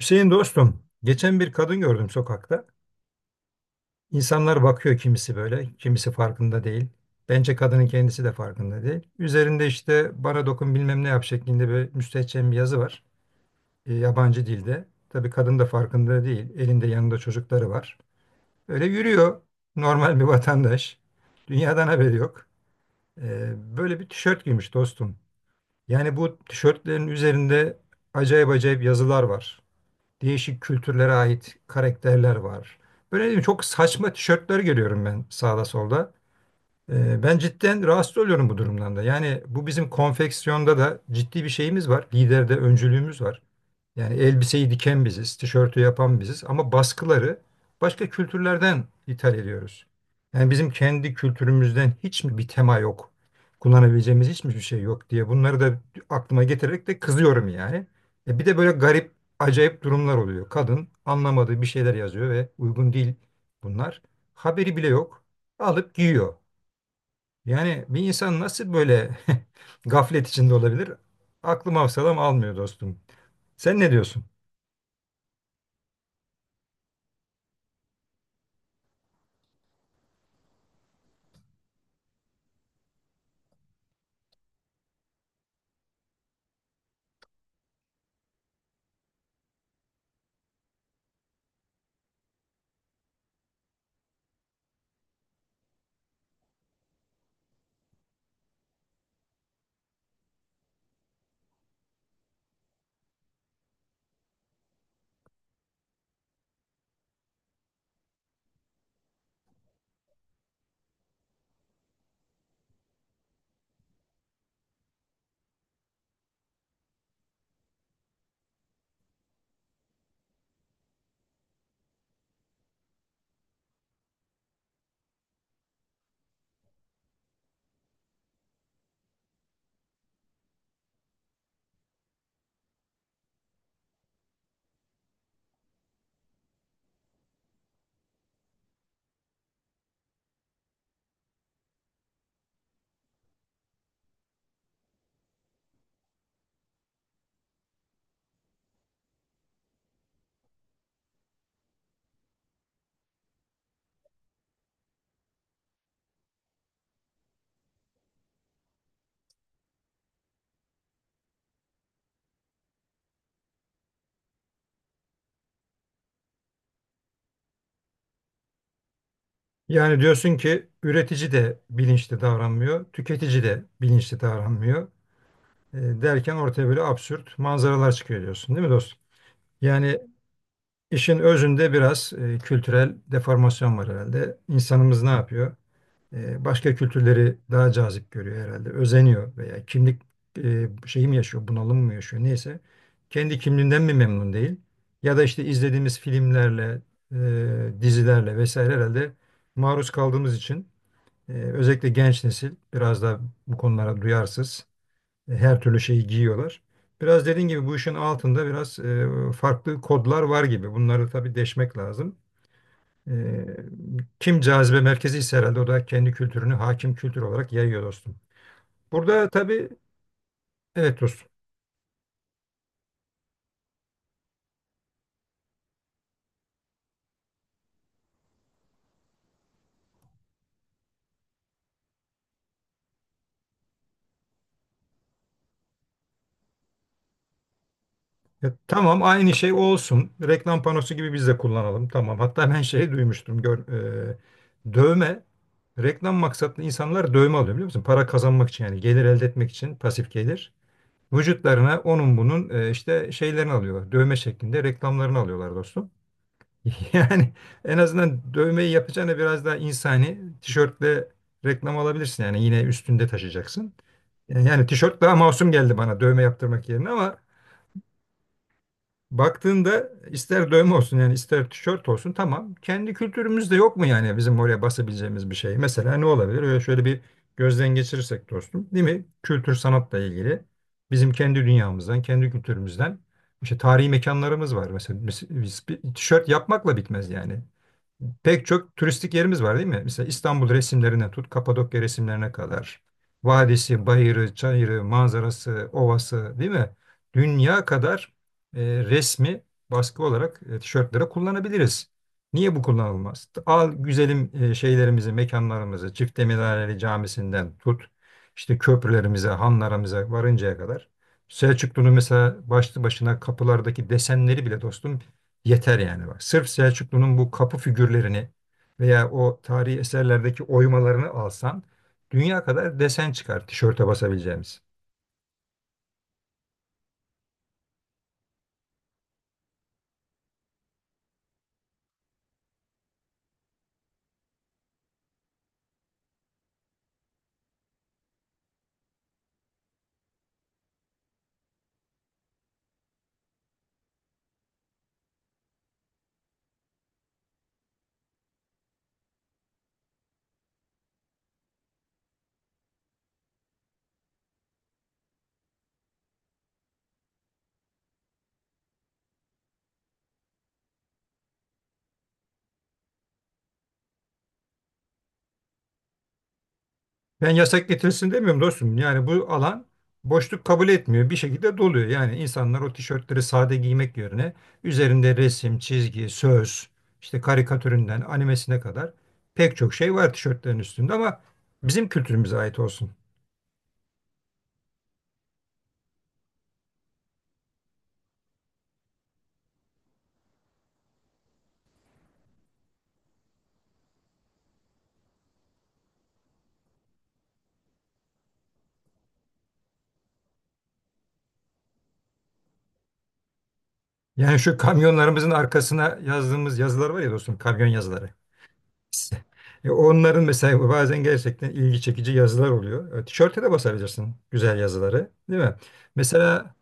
Hüseyin dostum, geçen bir kadın gördüm sokakta. İnsanlar bakıyor, kimisi böyle, kimisi farkında değil. Bence kadının kendisi de farkında değil. Üzerinde işte "bana dokun, bilmem ne yap" şeklinde bir müstehcen bir yazı var. Yabancı dilde. Tabii kadın da farkında değil. Elinde, yanında çocukları var. Öyle yürüyor, normal bir vatandaş. Dünyadan haberi yok. Böyle bir tişört giymiş dostum. Yani bu tişörtlerin üzerinde acayip acayip yazılar var. Değişik kültürlere ait karakterler var. Böyle değil mi? Çok saçma tişörtler görüyorum ben sağda solda. Ben cidden rahatsız oluyorum bu durumdan da. Yani bu bizim konfeksiyonda da ciddi bir şeyimiz var. Liderde öncülüğümüz var. Yani elbiseyi diken biziz, tişörtü yapan biziz, ama baskıları başka kültürlerden ithal ediyoruz. Yani bizim kendi kültürümüzden hiç mi bir tema yok? Kullanabileceğimiz hiç mi bir şey yok diye bunları da aklıma getirerek de kızıyorum yani. E bir de böyle garip, acayip durumlar oluyor. Kadın anlamadığı bir şeyler yazıyor ve uygun değil bunlar. Haberi bile yok. Alıp giyiyor. Yani bir insan nasıl böyle gaflet içinde olabilir? Aklım hafsalam almıyor dostum. Sen ne diyorsun? Yani diyorsun ki üretici de bilinçli davranmıyor, tüketici de bilinçli davranmıyor, derken ortaya böyle absürt manzaralar çıkıyor diyorsun, değil mi dostum? Yani işin özünde biraz kültürel deformasyon var herhalde. İnsanımız ne yapıyor? Başka kültürleri daha cazip görüyor herhalde, özeniyor veya kimlik şeyi mi yaşıyor, bunalım mı yaşıyor, neyse. Kendi kimliğinden mi memnun değil? Ya da işte izlediğimiz filmlerle, dizilerle vesaire herhalde maruz kaldığımız için özellikle genç nesil biraz da bu konulara duyarsız. Her türlü şeyi giyiyorlar. Biraz dediğin gibi bu işin altında biraz farklı kodlar var gibi. Bunları tabii deşmek lazım. E, Kim cazibe merkezi ise herhalde o da kendi kültürünü hakim kültür olarak yayıyor dostum. Burada tabii evet dostum. Ya tamam, aynı şey olsun. Reklam panosu gibi biz de kullanalım. Tamam. Hatta ben şey duymuştum. Gör, dövme reklam maksatlı insanlar dövme alıyor, biliyor musun? Para kazanmak için, yani gelir elde etmek için, pasif gelir. Vücutlarına onun bunun işte şeylerini alıyorlar. Dövme şeklinde reklamlarını alıyorlar dostum. Yani en azından dövmeyi yapacağına biraz daha insani, tişörtle reklam alabilirsin. Yani yine üstünde taşıyacaksın. Yani tişört daha masum geldi bana dövme yaptırmak yerine, ama baktığında ister dövme olsun yani, ister tişört olsun, tamam. Kendi kültürümüzde yok mu yani bizim oraya basabileceğimiz bir şey? Mesela ne olabilir? Öyle şöyle bir gözden geçirirsek dostum, değil mi? Kültür sanatla ilgili bizim kendi dünyamızdan, kendi kültürümüzden, işte tarihi mekanlarımız var. Mesela biz bir tişört yapmakla bitmez yani. Pek çok turistik yerimiz var, değil mi? Mesela İstanbul resimlerine tut, Kapadokya resimlerine kadar. Vadisi, bayırı, çayırı, manzarası, ovası, değil mi? Dünya kadar resmi, baskı olarak tişörtlere kullanabiliriz. Niye bu kullanılmaz? Al güzelim şeylerimizi, mekanlarımızı, Çifteminareli Camisi'nden tut, işte köprülerimize, hanlarımıza varıncaya kadar. Selçuklu'nun mesela başlı başına kapılardaki desenleri bile dostum yeter yani, bak. Sırf Selçuklu'nun bu kapı figürlerini veya o tarihi eserlerdeki oymalarını alsan dünya kadar desen çıkar tişörte basabileceğimiz. Ben yasak getirilsin demiyorum dostum. Yani bu alan boşluk kabul etmiyor. Bir şekilde doluyor. Yani insanlar o tişörtleri sade giymek yerine üzerinde resim, çizgi, söz, işte karikatüründen animesine kadar pek çok şey var tişörtlerin üstünde, ama bizim kültürümüze ait olsun. Yani şu kamyonlarımızın arkasına yazdığımız yazılar var ya dostum, kamyon yazıları. Onların mesela bazen gerçekten ilgi çekici yazılar oluyor. Tişörte de basabilirsin güzel yazıları, değil mi? Mesela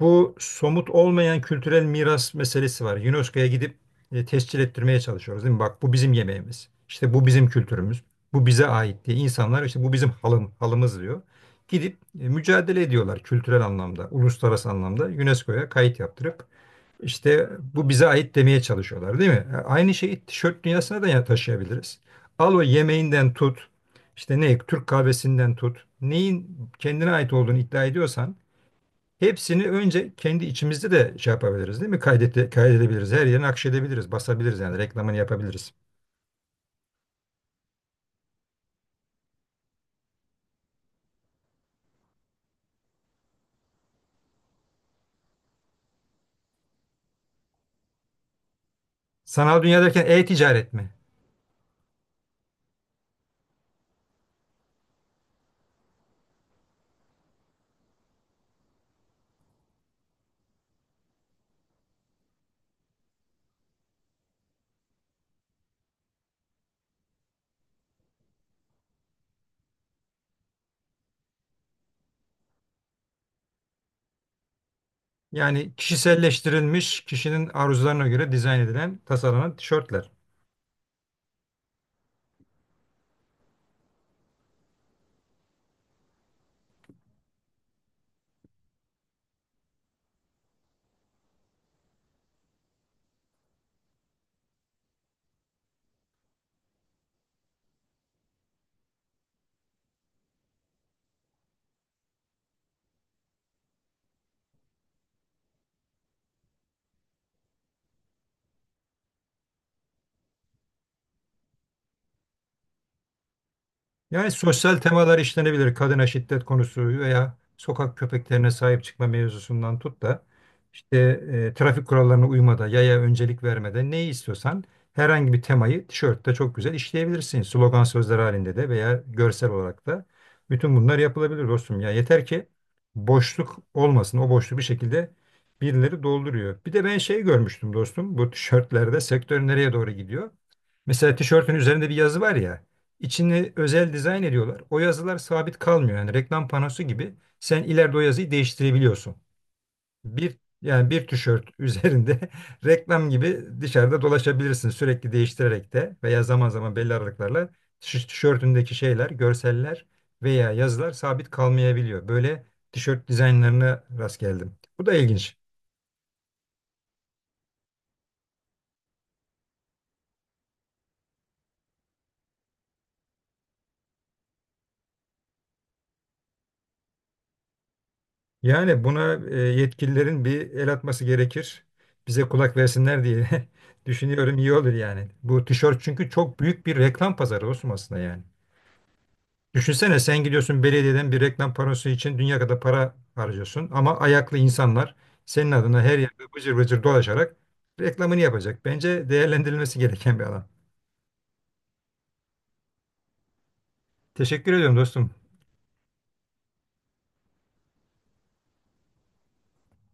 bu somut olmayan kültürel miras meselesi var. UNESCO'ya gidip tescil ettirmeye çalışıyoruz, değil mi? Bak, bu bizim yemeğimiz. İşte bu bizim kültürümüz. Bu bize ait diye insanlar işte "bu bizim halımız diyor. Gidip mücadele ediyorlar kültürel anlamda, uluslararası anlamda UNESCO'ya kayıt yaptırıp işte bu bize ait demeye çalışıyorlar, değil mi? Aynı şeyi tişört dünyasına da ya- taşıyabiliriz. Al o yemeğinden tut, işte ne Türk kahvesinden tut, neyin kendine ait olduğunu iddia ediyorsan hepsini önce kendi içimizde de şey yapabiliriz, değil mi? Kaydedebiliriz, her yerine akşedebiliriz, basabiliriz, yani reklamını yapabiliriz. Sanal dünya derken e-ticaret mi? Yani kişiselleştirilmiş, kişinin arzularına göre dizayn edilen, tasarlanan tişörtler. Yani sosyal temalar işlenebilir. Kadına şiddet konusu veya sokak köpeklerine sahip çıkma mevzusundan tut da işte trafik kurallarına uymada, yaya öncelik vermede, neyi istiyorsan herhangi bir temayı tişörtte çok güzel işleyebilirsin. Slogan sözler halinde de veya görsel olarak da bütün bunlar yapılabilir dostum. Ya yeter ki boşluk olmasın. O boşluğu bir şekilde birileri dolduruyor. Bir de ben şey görmüştüm dostum. Bu tişörtlerde sektör nereye doğru gidiyor? Mesela tişörtün üzerinde bir yazı var ya. İçini özel dizayn ediyorlar. O yazılar sabit kalmıyor. Yani reklam panosu gibi sen ileride o yazıyı değiştirebiliyorsun. Bir yani, bir tişört üzerinde reklam gibi dışarıda dolaşabilirsin sürekli değiştirerek de, veya zaman zaman belli aralıklarla tişörtündeki şeyler, görseller veya yazılar sabit kalmayabiliyor. Böyle tişört dizaynlarına rast geldim. Bu da ilginç. Yani buna yetkililerin bir el atması gerekir. Bize kulak versinler diye düşünüyorum, iyi olur yani. Bu tişört çünkü çok büyük bir reklam pazarı olsun aslında yani. Düşünsene, sen gidiyorsun belediyeden bir reklam panosu için dünya kadar para harcıyorsun, ama ayaklı insanlar senin adına her yerde bıcır bıcır dolaşarak reklamını yapacak. Bence değerlendirilmesi gereken bir alan. Teşekkür ediyorum dostum.